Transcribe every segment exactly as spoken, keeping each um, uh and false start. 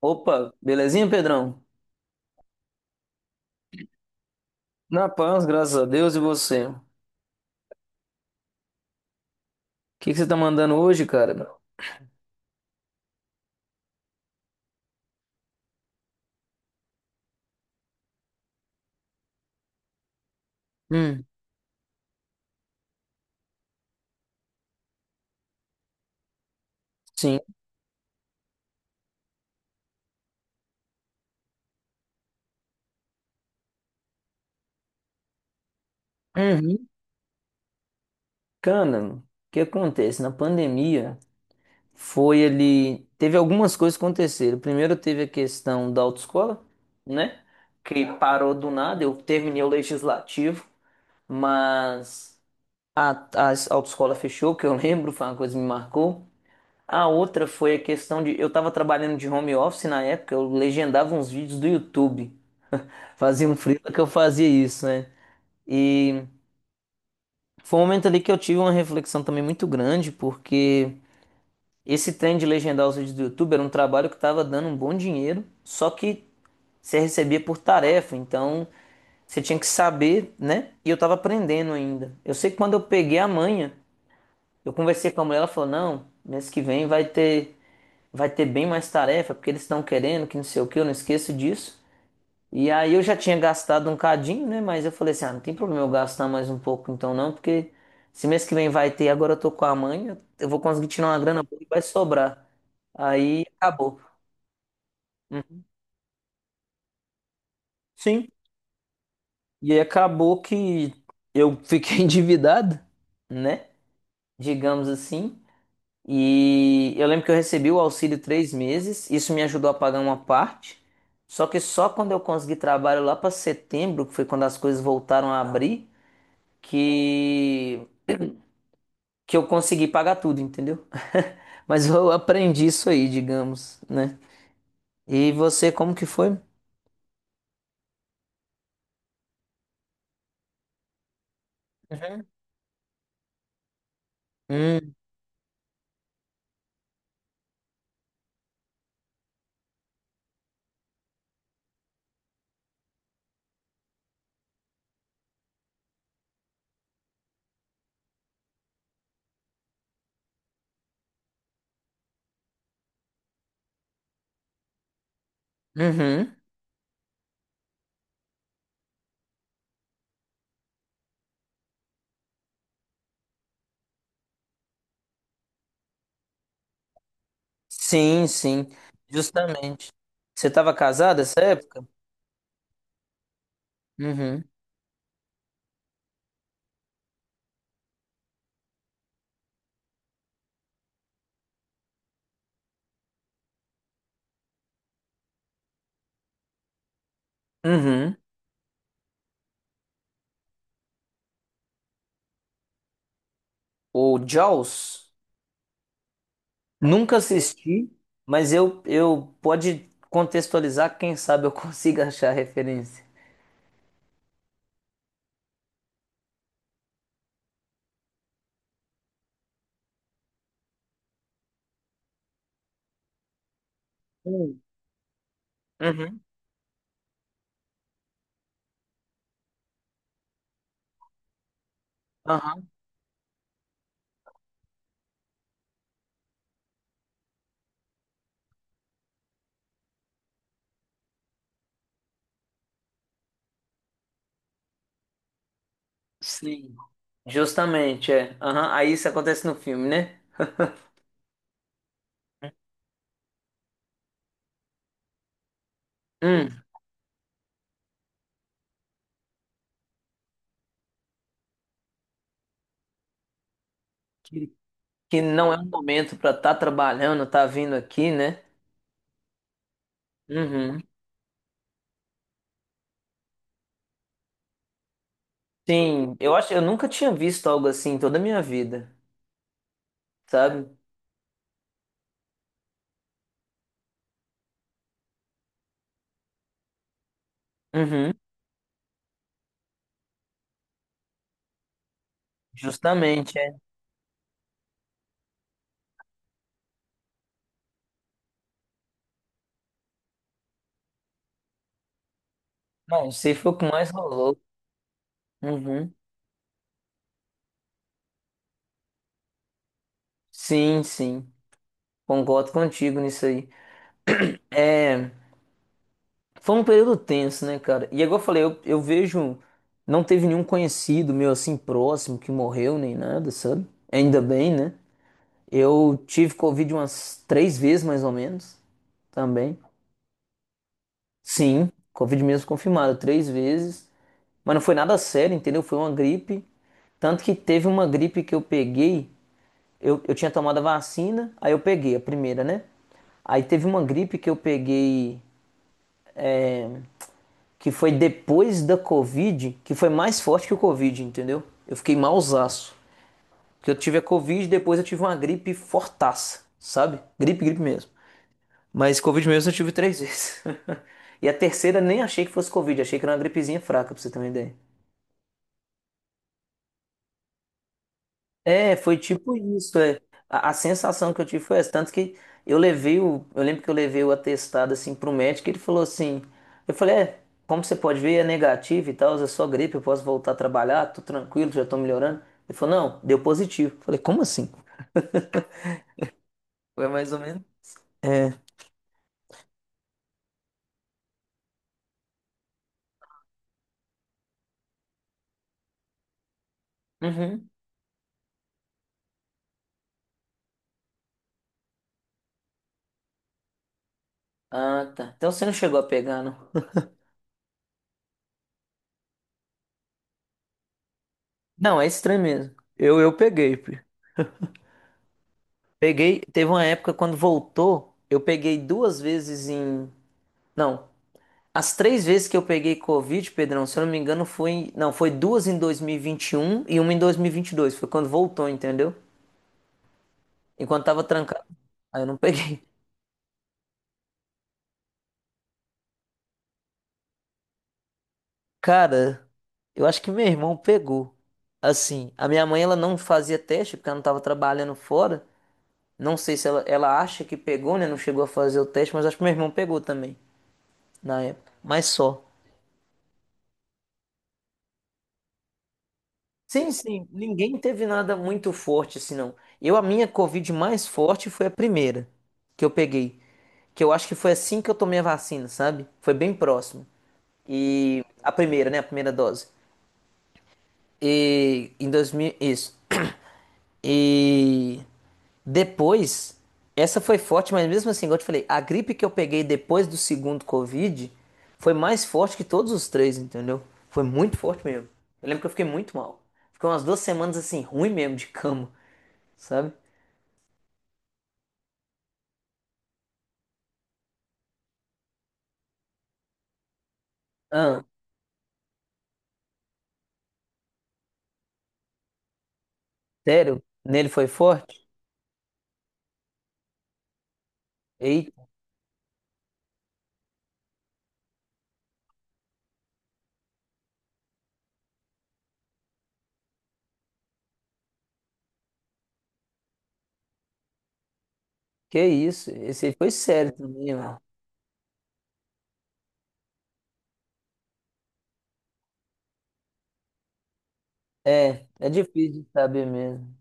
Opa, belezinha, Pedrão? Na paz, graças a Deus e você. O que que você tá mandando hoje, cara? Hum, Sim. Uhum. Cara, o que acontece? Na pandemia foi ali. Teve algumas coisas que aconteceram. Primeiro teve a questão da autoescola, né? Que parou do nada. Eu terminei o legislativo, mas a, a autoescola fechou, que eu lembro, foi uma coisa que me marcou. A outra foi a questão de. Eu tava trabalhando de home office na época, eu legendava uns vídeos do YouTube. Fazia um freela que eu fazia isso, né? E foi um momento ali que eu tive uma reflexão também muito grande, porque esse trem de legendar os vídeos do YouTube era um trabalho que estava dando um bom dinheiro, só que você recebia por tarefa, então você tinha que saber, né? E eu estava aprendendo ainda. Eu sei que quando eu peguei a manha, eu conversei com a mulher, ela falou: "Não, mês que vem vai ter vai ter bem mais tarefa, porque eles estão querendo, que não sei o que, eu não esqueço disso". E aí eu já tinha gastado um cadinho, né? Mas eu falei assim, ah, não tem problema eu gastar mais um pouco então não, porque se mês que vem vai ter, agora eu tô com a mãe, eu eu vou conseguir tirar uma grana boa e vai sobrar. Aí acabou. Sim. E aí acabou que eu fiquei endividado, né? Digamos assim. E eu lembro que eu recebi o auxílio três meses, isso me ajudou a pagar uma parte. Só que só quando eu consegui trabalho lá para setembro, que foi quando as coisas voltaram a abrir, que que eu consegui pagar tudo, entendeu? Mas eu aprendi isso aí, digamos, né? E você, como que foi? Uhum. Hum, uhum. Sim, sim, justamente. Você estava casada essa época? Uhum. Uhum. O Jaws, nunca assisti, mas eu, eu pode contextualizar, quem sabe eu consiga achar a referência. Hum. Uhum. Aham. Sim. Justamente, é. Aham. Aí isso acontece no filme, né? Hum. Que não é um momento pra estar trabalhando, tá vindo aqui, né? Uhum. Sim, eu acho, eu nunca tinha visto algo assim em toda a minha vida, sabe? Uhum. Justamente, é. Não, você foi o que mais rolou. Uhum. Sim, sim. Concordo contigo nisso aí. É, foi um período tenso, né, cara? E agora eu falei, eu, eu vejo, não teve nenhum conhecido meu assim próximo que morreu nem nada, sabe? Ainda bem, né? Eu tive Covid umas três vezes mais ou menos também. Sim, Covid mesmo confirmado três vezes, mas não foi nada sério, entendeu? Foi uma gripe. Tanto que teve uma gripe que eu peguei, eu, eu tinha tomado a vacina, aí eu peguei a primeira, né? Aí teve uma gripe que eu peguei que foi depois da Covid, que foi mais forte que o Covid, entendeu? Eu fiquei malzaço. Porque eu tive a Covid, depois eu tive uma gripe fortaça, sabe? Gripe, gripe mesmo. Mas Covid mesmo eu tive três vezes. E a terceira nem achei que fosse Covid, achei que era uma gripezinha fraca, pra você ter uma ideia. É, foi tipo isso, é. A, a sensação que eu tive foi essa, tanto que eu levei o, eu lembro que eu levei o atestado assim pro médico, e ele falou assim, eu falei, é, como você pode ver, é negativo e tal, é só gripe, eu posso voltar a trabalhar, tô tranquilo, já tô melhorando. Ele falou, não, deu positivo. Eu falei, como assim? Foi mais ou menos. É. Uhum. Ah, tá. Então você não chegou a pegar, não? Não, é estranho mesmo. Eu, eu peguei, pi. Peguei. Teve uma época quando voltou, eu peguei duas vezes em. Não. As três vezes que eu peguei Covid, Pedrão, se eu não me engano, foi. Não, foi duas em dois mil e vinte e um e vinte e um e uma em dois mil e vinte e dois. Foi quando voltou, entendeu? Enquanto tava trancado. Aí eu não peguei. Cara, eu acho que meu irmão pegou. Assim, a minha mãe, ela não fazia teste porque ela não tava trabalhando fora. Não sei se ela, ela acha que pegou, né? Não chegou a fazer o teste, mas acho que meu irmão pegou também na época. Mas só. Sim, sim, ninguém teve nada muito forte assim, não. Eu, a minha Covid mais forte foi a primeira que eu peguei. Que eu acho que foi assim que eu tomei a vacina, sabe? Foi bem próximo. E a primeira, né? A primeira dose. E em dois mil isso. E depois, essa foi forte, mas mesmo assim, igual eu te falei, a gripe que eu peguei depois do segundo Covid foi mais forte que todos os três, entendeu? Foi muito forte mesmo. Eu lembro que eu fiquei muito mal. Fiquei umas duas semanas assim, ruim mesmo de cama, sabe? Ah, sério? Nele foi forte? Eita, que isso? Esse aí foi sério também, mano. É, é difícil de saber mesmo.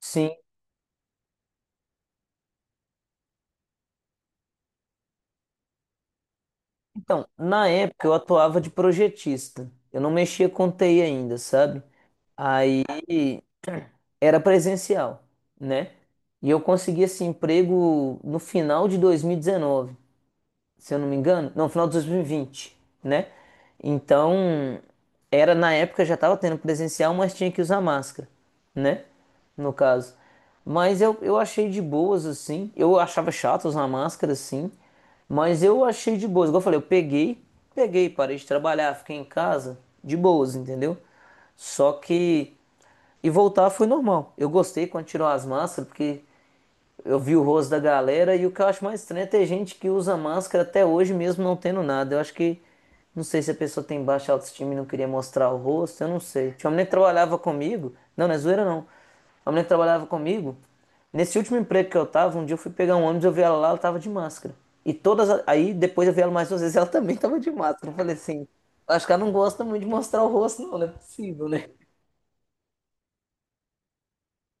Sim, então, na época eu atuava de projetista. Eu não mexia com T I ainda, sabe? Era presencial, né? E eu consegui esse emprego no final de dois mil e dezenove, se eu não me engano, não, final de dois mil e vinte, né? Então, era na época já estava tendo presencial, mas tinha que usar máscara, né? No caso. Mas eu, eu achei de boas assim. Eu achava chato usar máscara assim, mas eu achei de boas. Igual eu falei, eu peguei, peguei, parei de trabalhar, fiquei em casa de boas, entendeu? Só que e voltar foi normal. Eu gostei quando tirou as máscaras, porque eu vi o rosto da galera. E o que eu acho mais estranho é ter gente que usa máscara até hoje, mesmo não tendo nada. Eu acho que. Não sei se a pessoa tem baixa autoestima e não queria mostrar o rosto, eu não sei. Tinha uma mulher que trabalhava comigo. Não, não é zoeira não. A mulher que trabalhava comigo, nesse último emprego que eu tava, um dia eu fui pegar um ônibus, eu vi ela lá, ela tava de máscara. E todas. Aí depois eu vi ela mais duas vezes, ela também tava de máscara. Eu falei assim, acho que ela não gosta muito de mostrar o rosto, não, não é possível, né?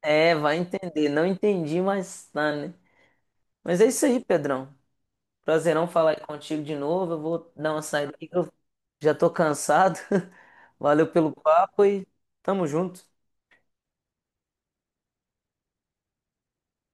É, vai entender. Não entendi, mas tá, né? Mas é isso aí, Pedrão. Prazerão falar aí contigo de novo. Eu vou dar uma saída aqui que eu já tô cansado. Valeu pelo papo e tamo junto.